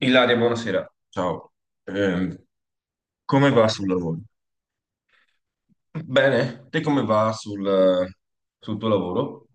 Ilaria, buonasera. Ciao, Ehm, come va sul lavoro? Bene, te come va sul, sul tuo lavoro?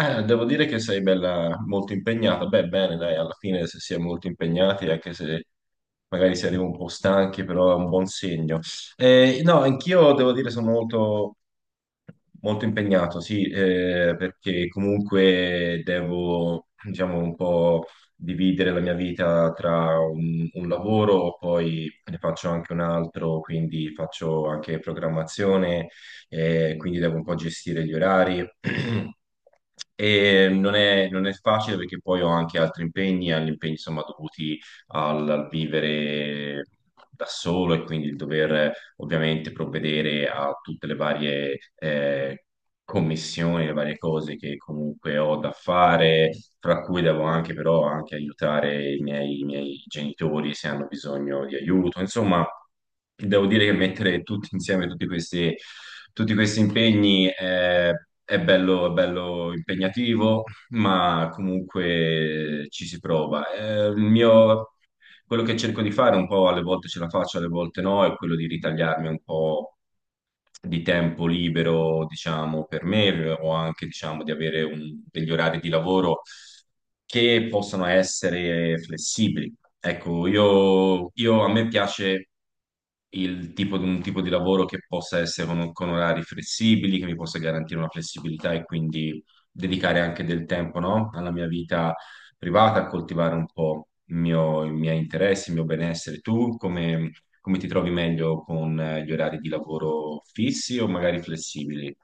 Devo dire che sei bella, molto impegnata. Beh, bene, dai, alla fine se si è molto impegnati, anche se magari si arriva un po' stanchi, però è un buon segno. No, anch'io devo dire sono molto impegnato, sì, perché comunque devo, diciamo, un po' dividere la mia vita tra un lavoro, poi ne faccio anche un altro, quindi faccio anche programmazione, quindi devo un po' gestire gli orari. E non è facile perché poi ho anche altri impegni, agli impegni insomma dovuti al vivere da solo e quindi il dover ovviamente provvedere a tutte le varie commissioni, le varie cose che comunque ho da fare, fra cui devo anche però anche aiutare i miei genitori se hanno bisogno di aiuto. Insomma, devo dire che mettere tutti insieme tutti questi impegni è bello impegnativo ma comunque ci si prova. Il mio quello che cerco di fare un po' alle volte ce la faccio, alle volte no, è quello di ritagliarmi un po' di tempo libero, diciamo, per me o anche, diciamo, di avere degli orari di lavoro che possano essere flessibili. Ecco, a me piace un tipo di lavoro che possa essere con orari flessibili, che mi possa garantire una flessibilità e quindi dedicare anche del tempo, no? Alla mia vita privata, a coltivare un po' i miei interessi, il mio benessere. Tu come come ti trovi meglio con gli orari di lavoro fissi o magari flessibili?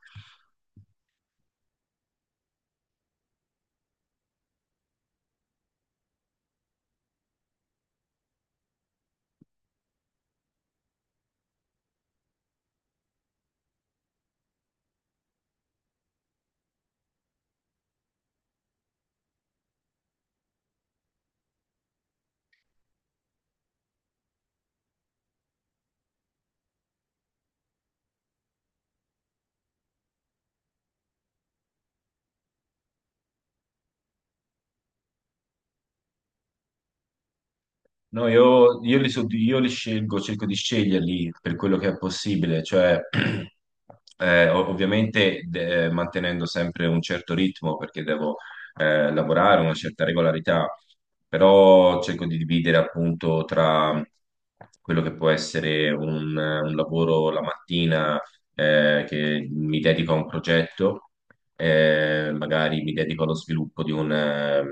No, io li scelgo, cerco di sceglierli per quello che è possibile, cioè ovviamente mantenendo sempre un certo ritmo perché devo lavorare, una certa regolarità, però cerco di dividere appunto tra quello che può essere un lavoro la mattina che mi dedico a un progetto magari mi dedico allo sviluppo di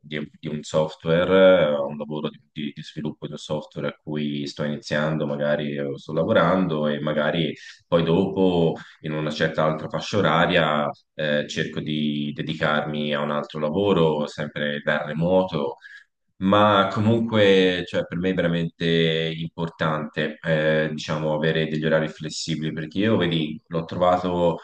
di di un software, a un lavoro di sviluppo di un software a cui sto iniziando, magari sto lavorando e magari poi dopo in una certa altra fascia oraria cerco di dedicarmi a un altro lavoro, sempre da remoto. Ma comunque, cioè, per me è veramente importante, diciamo, avere degli orari flessibili perché io, vedi, l'ho trovato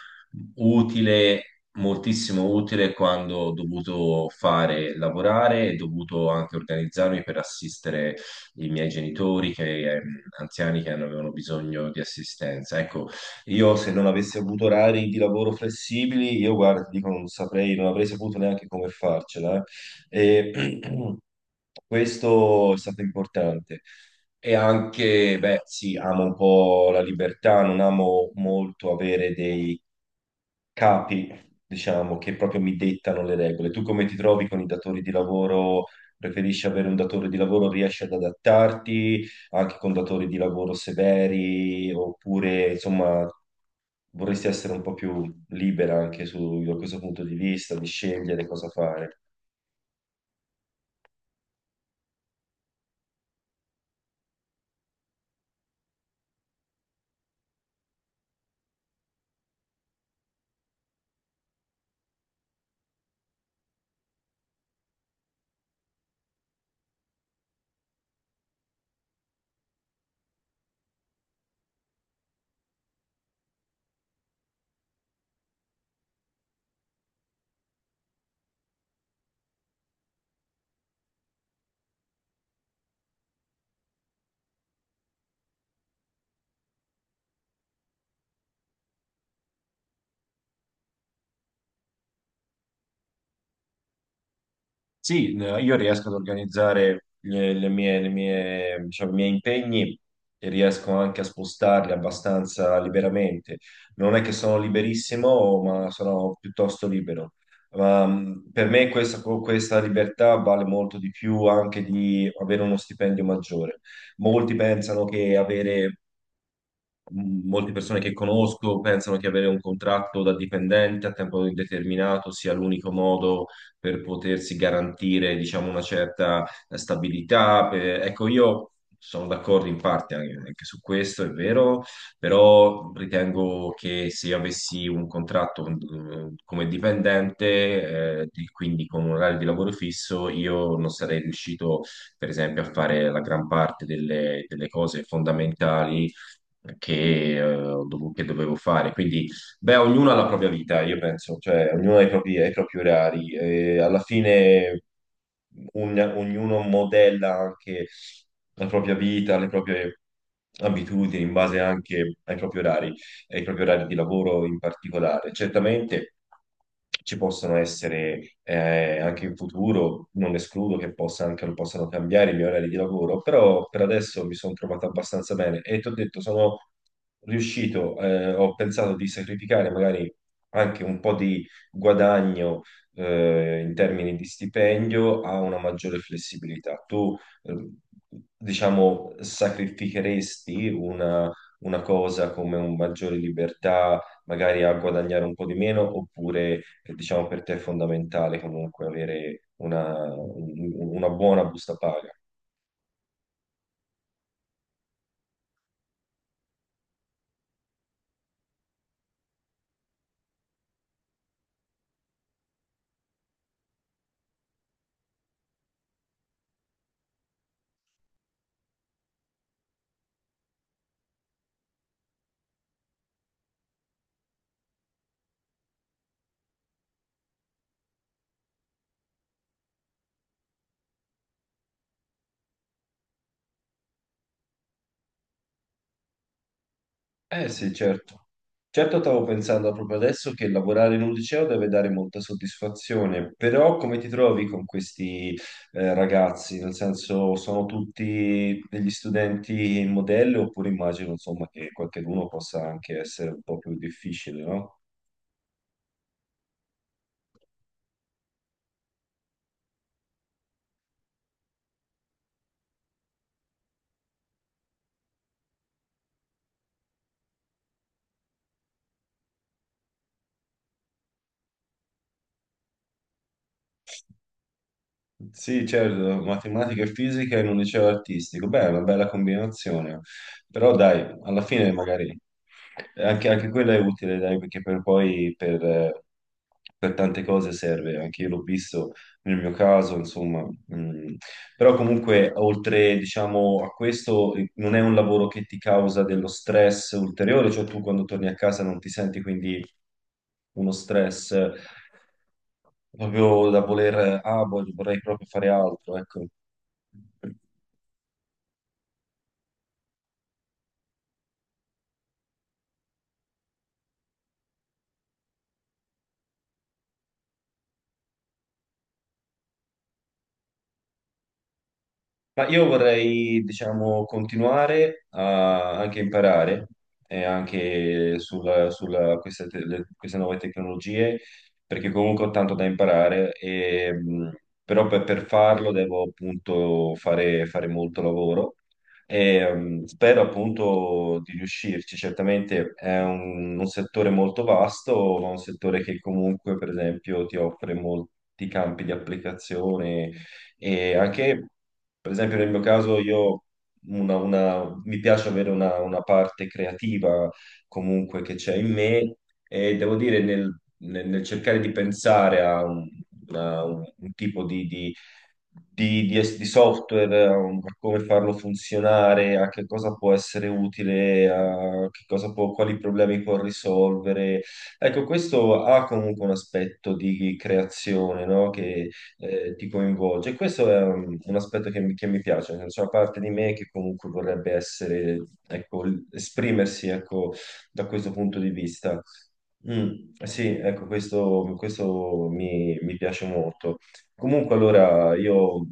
utile, moltissimo utile quando ho dovuto fare lavorare e dovuto anche organizzarmi per assistere i miei genitori che, anziani che avevano bisogno di assistenza. Ecco, io se non avessi avuto orari di lavoro flessibili, io guarda, ti dico, non saprei, non avrei saputo neanche come farcela. E questo è stato importante. E anche, beh, sì, amo un po' la libertà, non amo molto avere dei capi, diciamo, che proprio mi dettano le regole. Tu come ti trovi con i datori di lavoro? Preferisci avere un datore di lavoro, riesci ad adattarti anche con datori di lavoro severi, oppure insomma vorresti essere un po' più libera anche su, da questo punto di vista, di scegliere cosa fare? Sì, io riesco ad organizzare diciamo, i miei impegni e riesco anche a spostarli abbastanza liberamente. Non è che sono liberissimo, ma sono piuttosto libero. Ma, per me questa libertà vale molto di più anche di avere uno stipendio maggiore. Molti pensano che avere m- molte persone che conosco pensano che avere un contratto da dipendente a tempo indeterminato sia l'unico modo per potersi garantire, diciamo, una certa stabilità. Ecco, io sono d'accordo in parte anche su questo, è vero, però ritengo che se io avessi un contratto come dipendente, quindi con un orario di lavoro fisso, io non sarei riuscito per esempio, a fare la gran parte delle cose fondamentali che, che dovevo fare. Quindi, beh, ognuno ha la propria vita, io penso, cioè ognuno ha i propri orari. E alla fine ognuno modella anche la propria vita, le proprie abitudini in base anche ai propri orari di lavoro in particolare. Certamente ci possono essere anche in futuro, non escludo che possano cambiare i miei orari di lavoro, però per adesso mi sono trovato abbastanza bene e ti ho detto, sono riuscito, ho pensato di sacrificare magari anche un po' di guadagno in termini di stipendio a una maggiore flessibilità. Eh, diciamo, sacrificheresti una cosa come un maggiore libertà, magari a guadagnare un po' di meno, oppure diciamo per te è fondamentale comunque avere una buona busta paga? Eh sì, certo. Certo, stavo pensando proprio adesso che lavorare in un liceo deve dare molta soddisfazione, però come ti trovi con questi ragazzi? Nel senso, sono tutti degli studenti in modello oppure immagino, insomma, che qualcheduno possa anche essere un po' più difficile, no? Sì, certo, matematica e fisica in un liceo artistico. Beh, è una bella combinazione, però dai, alla fine magari anche quella è utile, dai, perché per tante cose serve. Anche io l'ho visto nel mio caso, insomma, mm, però comunque, oltre, diciamo, a questo, non è un lavoro che ti causa dello stress ulteriore, cioè tu quando torni a casa non ti senti quindi uno stress proprio da vorrei proprio fare altro, ecco. Ma io vorrei, diciamo, continuare a anche imparare anche queste nuove tecnologie, perché comunque ho tanto da imparare, però per farlo devo appunto fare molto lavoro e spero appunto di riuscirci. Certamente è un settore molto vasto, ma un settore che comunque, per esempio, ti offre molti campi di applicazione e anche. Per esempio, nel mio caso, mi piace avere una parte creativa comunque che c'è in me e devo dire nel cercare di pensare a un tipo di software, a a come farlo funzionare, a che cosa può essere utile, a che quali problemi può risolvere. Ecco, questo ha comunque un aspetto di creazione, no? Ti coinvolge. Questo è un aspetto che, mi piace, cioè, c'è una parte di me che comunque vorrebbe essere, ecco, esprimersi, ecco, da questo punto di vista. Mm, sì, ecco, questo mi, mi piace molto. Comunque, allora, io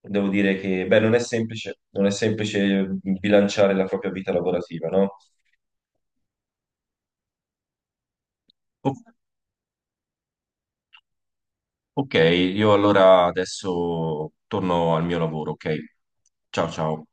devo dire che, beh, non è semplice bilanciare la propria vita lavorativa, no? O- ok, io allora adesso torno al mio lavoro, ok? Ciao ciao.